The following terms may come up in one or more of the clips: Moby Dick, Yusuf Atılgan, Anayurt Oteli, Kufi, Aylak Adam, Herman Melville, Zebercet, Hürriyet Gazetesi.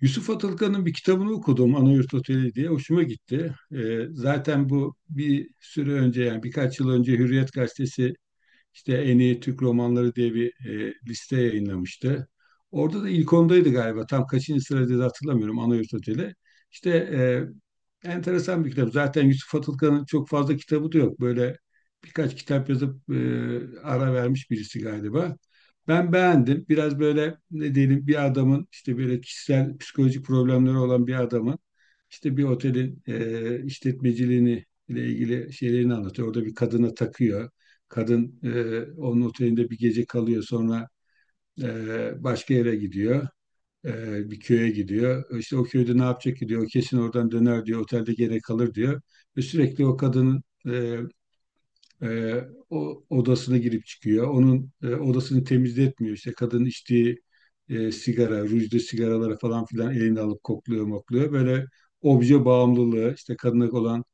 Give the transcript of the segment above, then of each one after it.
Yusuf Atılgan'ın bir kitabını okudum Anayurt Oteli diye hoşuma gitti. Zaten bu bir süre önce yani birkaç yıl önce Hürriyet Gazetesi işte en iyi Türk romanları diye bir liste yayınlamıştı. Orada da ilk ondaydı galiba. Tam kaçıncı sırada hatırlamıyorum Anayurt Oteli. İşte enteresan bir kitap. Zaten Yusuf Atılgan'ın çok fazla kitabı da yok. Böyle birkaç kitap yazıp ara vermiş birisi galiba. Ben beğendim. Biraz böyle ne diyelim bir adamın işte böyle kişisel psikolojik problemleri olan bir adamın işte bir otelin işletmeciliğini ile ilgili şeylerini anlatıyor. Orada bir kadına takıyor. Kadın onun otelinde bir gece kalıyor sonra başka yere gidiyor. Bir köye gidiyor. İşte o köyde ne yapacak ki diyor. O kesin oradan döner diyor. Otelde gene kalır diyor. Ve sürekli o kadının e, o odasına girip çıkıyor. Onun odasını temizletmiyor. İşte kadın içtiği sigara, rujlu sigaraları falan filan elinde alıp kokluyor, mokluyor. Böyle obje bağımlılığı, işte kadına olan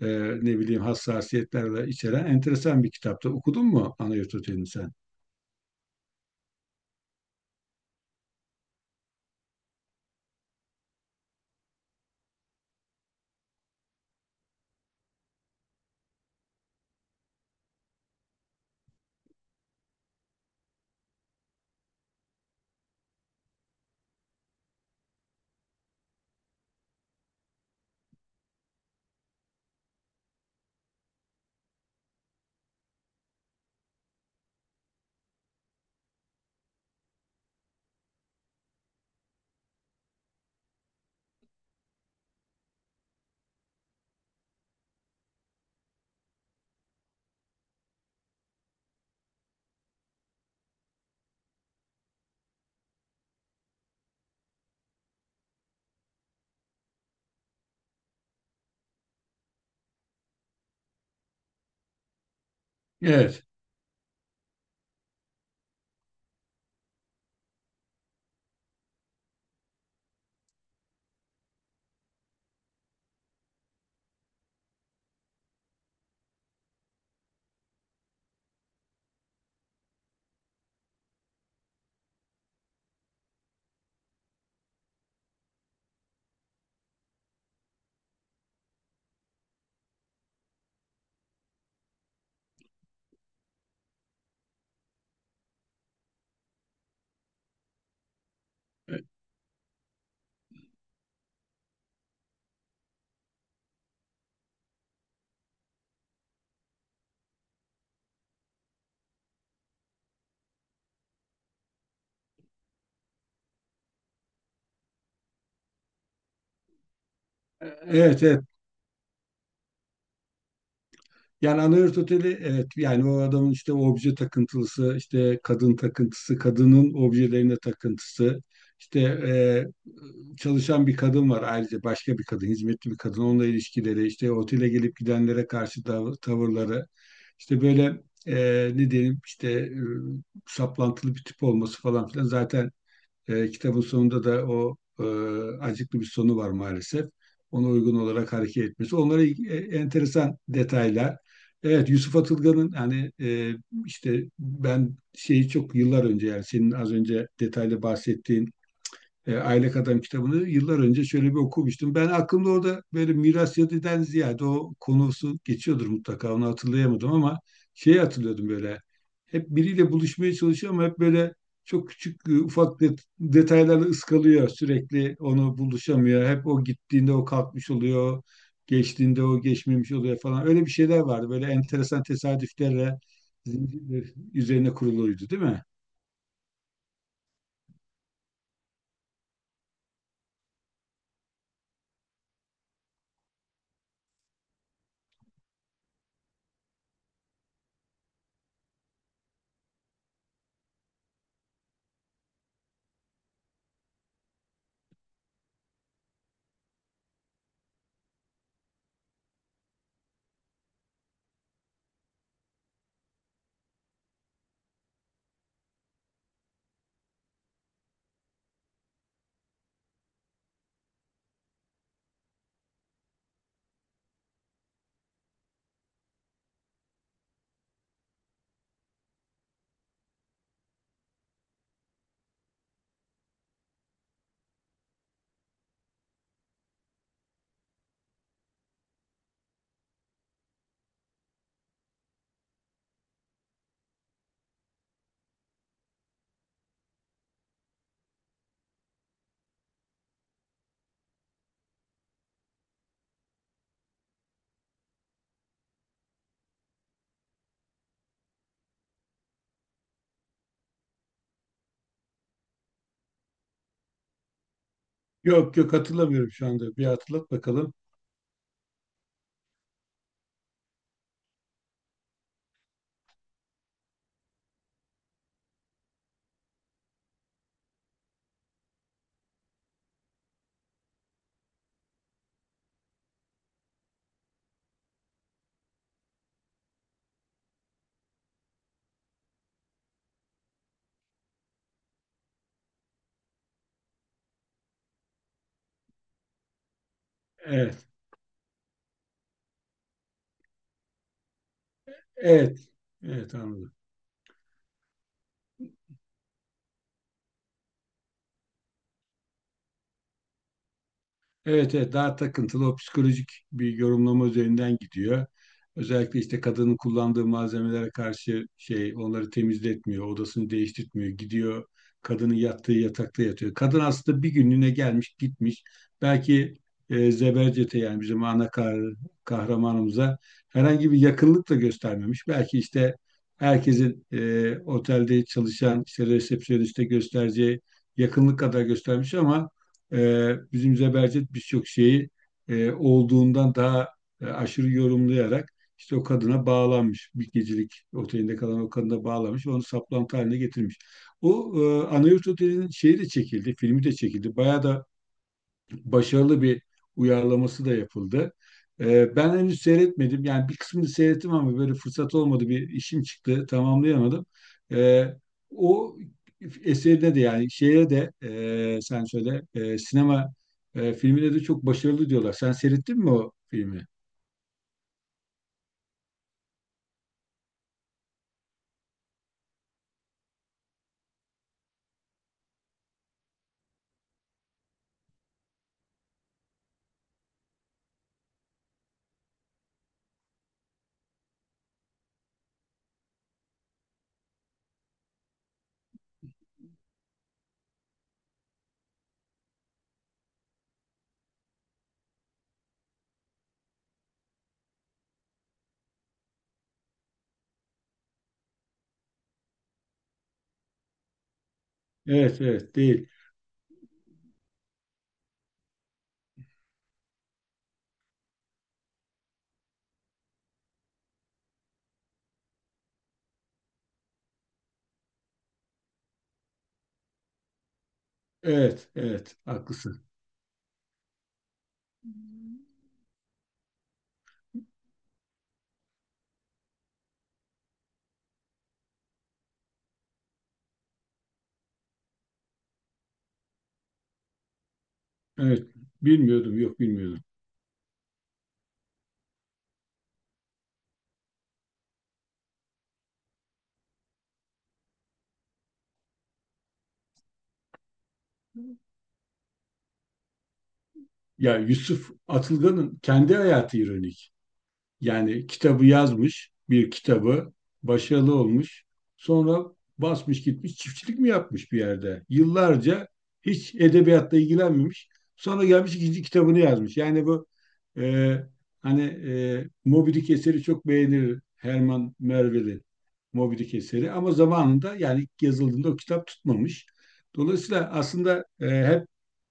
e, ne bileyim hassasiyetlerle içeren enteresan bir kitaptı. Okudun mu Ana Yurt Oteli'ni sen? Evet. E- Evet, evet. Yani Anahırt Oteli evet yani o adamın işte obje takıntılısı, işte kadın takıntısı, kadının objelerine takıntısı, işte çalışan bir kadın var ayrıca başka bir kadın, hizmetli bir kadın, onunla ilişkileri, işte otele gelip gidenlere karşı tavırları, işte böyle ne diyelim işte saplantılı bir tip olması falan filan zaten kitabın sonunda da o acıklı bir sonu var maalesef. Ona uygun olarak hareket etmesi. Onlara enteresan detaylar. Evet Yusuf Atılgan'ın hani işte ben şeyi çok yıllar önce yani senin az önce detaylı bahsettiğin Aylak Adam kitabını yıllar önce şöyle bir okumuştum. Ben aklımda orada böyle miras yadiden ziyade o konusu geçiyordur mutlaka onu hatırlayamadım ama şeyi hatırlıyordum böyle. Hep biriyle buluşmaya çalışıyor ama hep böyle çok küçük ufak detaylarla ıskalıyor sürekli onu buluşamıyor. Hep o gittiğinde o kalkmış oluyor. Geçtiğinde o geçmemiş oluyor falan. Öyle bir şeyler vardı. Böyle enteresan tesadüflerle zincirler üzerine kuruluydu değil mi? Yok yok hatırlamıyorum şu anda. Bir hatırlat bakalım. Evet. Evet, evet anladım. Evet, evet daha takıntılı o psikolojik bir yorumlama üzerinden gidiyor. Özellikle işte kadının kullandığı malzemelere karşı şey onları temizletmiyor, odasını değiştirtmiyor, gidiyor kadının yattığı yatakta yatıyor. Kadın aslında bir günlüğüne gelmiş gitmiş. Belki Zebercet'e yani bizim kahramanımıza herhangi bir yakınlık da göstermemiş. Belki işte herkesin otelde çalışan işte resepsiyoniste göstereceği yakınlık kadar göstermiş ama bizim Zebercet birçok şeyi olduğundan daha aşırı yorumlayarak işte o kadına bağlanmış. Bir gecelik otelinde kalan o kadına bağlanmış ve onu saplantı haline getirmiş. O Anayurt Oteli'nin şeyi de çekildi, filmi de çekildi. Bayağı da başarılı bir uyarlaması da yapıldı. Ben henüz seyretmedim. Yani bir kısmını seyrettim ama böyle fırsat olmadı. Bir işim çıktı. Tamamlayamadım. Ee, O eserine de yani şeye de sen söyle sinema filmine de çok başarılı diyorlar. Sen seyrettin mi o filmi? Evet evet değil. Evet evet haklısın. Evet bilmiyordum yok bilmiyordum. Ya Yusuf Atılgan'ın kendi hayatı ironik. Yani kitabı yazmış, bir kitabı başarılı olmuş. Sonra basmış gitmiş çiftçilik mi yapmış bir yerde? Yıllarca hiç edebiyatla ilgilenmemiş. Sonra gelmiş ikinci kitabını yazmış. Yani bu e, hani Moby Dick eseri çok beğenir Herman Melville'in Moby Dick eseri ama zamanında yani ilk yazıldığında o kitap tutmamış. Dolayısıyla aslında hep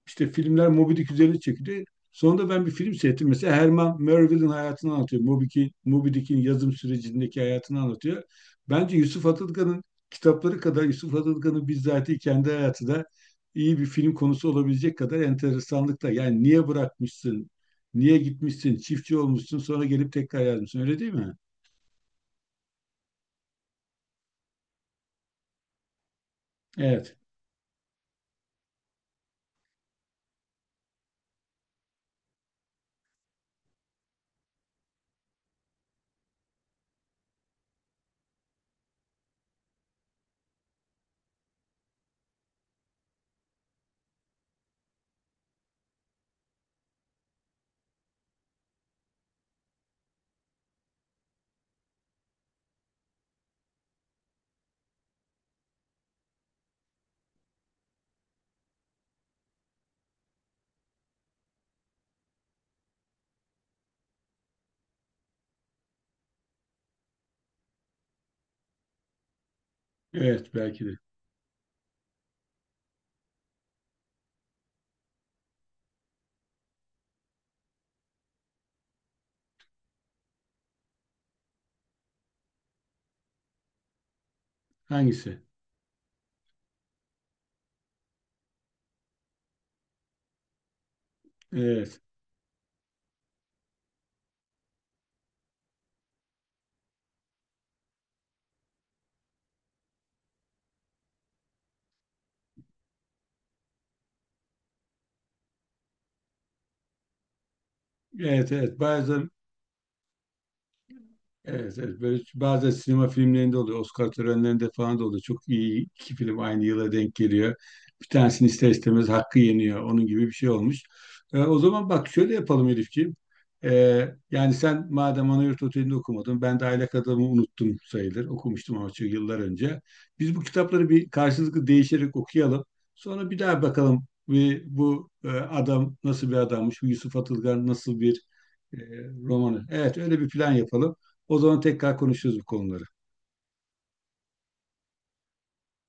işte filmler Moby Dick üzerine çekildi. Sonunda ben bir film seyrettim. Mesela Herman Melville'in hayatını anlatıyor. Moby Dick'in yazım sürecindeki hayatını anlatıyor. Bence Yusuf Atılgan'ın kitapları kadar Yusuf Atılgan'ın bizzatihi kendi hayatı da iyi bir film konusu olabilecek kadar enteresanlıkta. Yani niye bırakmışsın? Niye gitmişsin? Çiftçi olmuşsun sonra gelip tekrar yazmışsın. Öyle değil mi? Evet. Evet belki de. Hangisi? Evet. Evet evet. Bazen evet, evet. Böyle bazen sinema filmlerinde oluyor. Oscar törenlerinde falan da oluyor. Çok iyi iki film aynı yıla denk geliyor. Bir tanesini ister istemez hakkı yeniyor. Onun gibi bir şey olmuş. O zaman bak şöyle yapalım Elifciğim. Yani sen madem Anayurt Oteli'nde okumadın, ben de Aylak Adam'ı unuttum sayılır. Okumuştum ama çok yıllar önce. Biz bu kitapları bir karşılıklı değişerek okuyalım. Sonra bir daha bakalım ve bu adam nasıl bir adammış, bu Yusuf Atılgan nasıl bir e, romanı. Evet, öyle bir plan yapalım. O zaman tekrar konuşuruz bu konuları.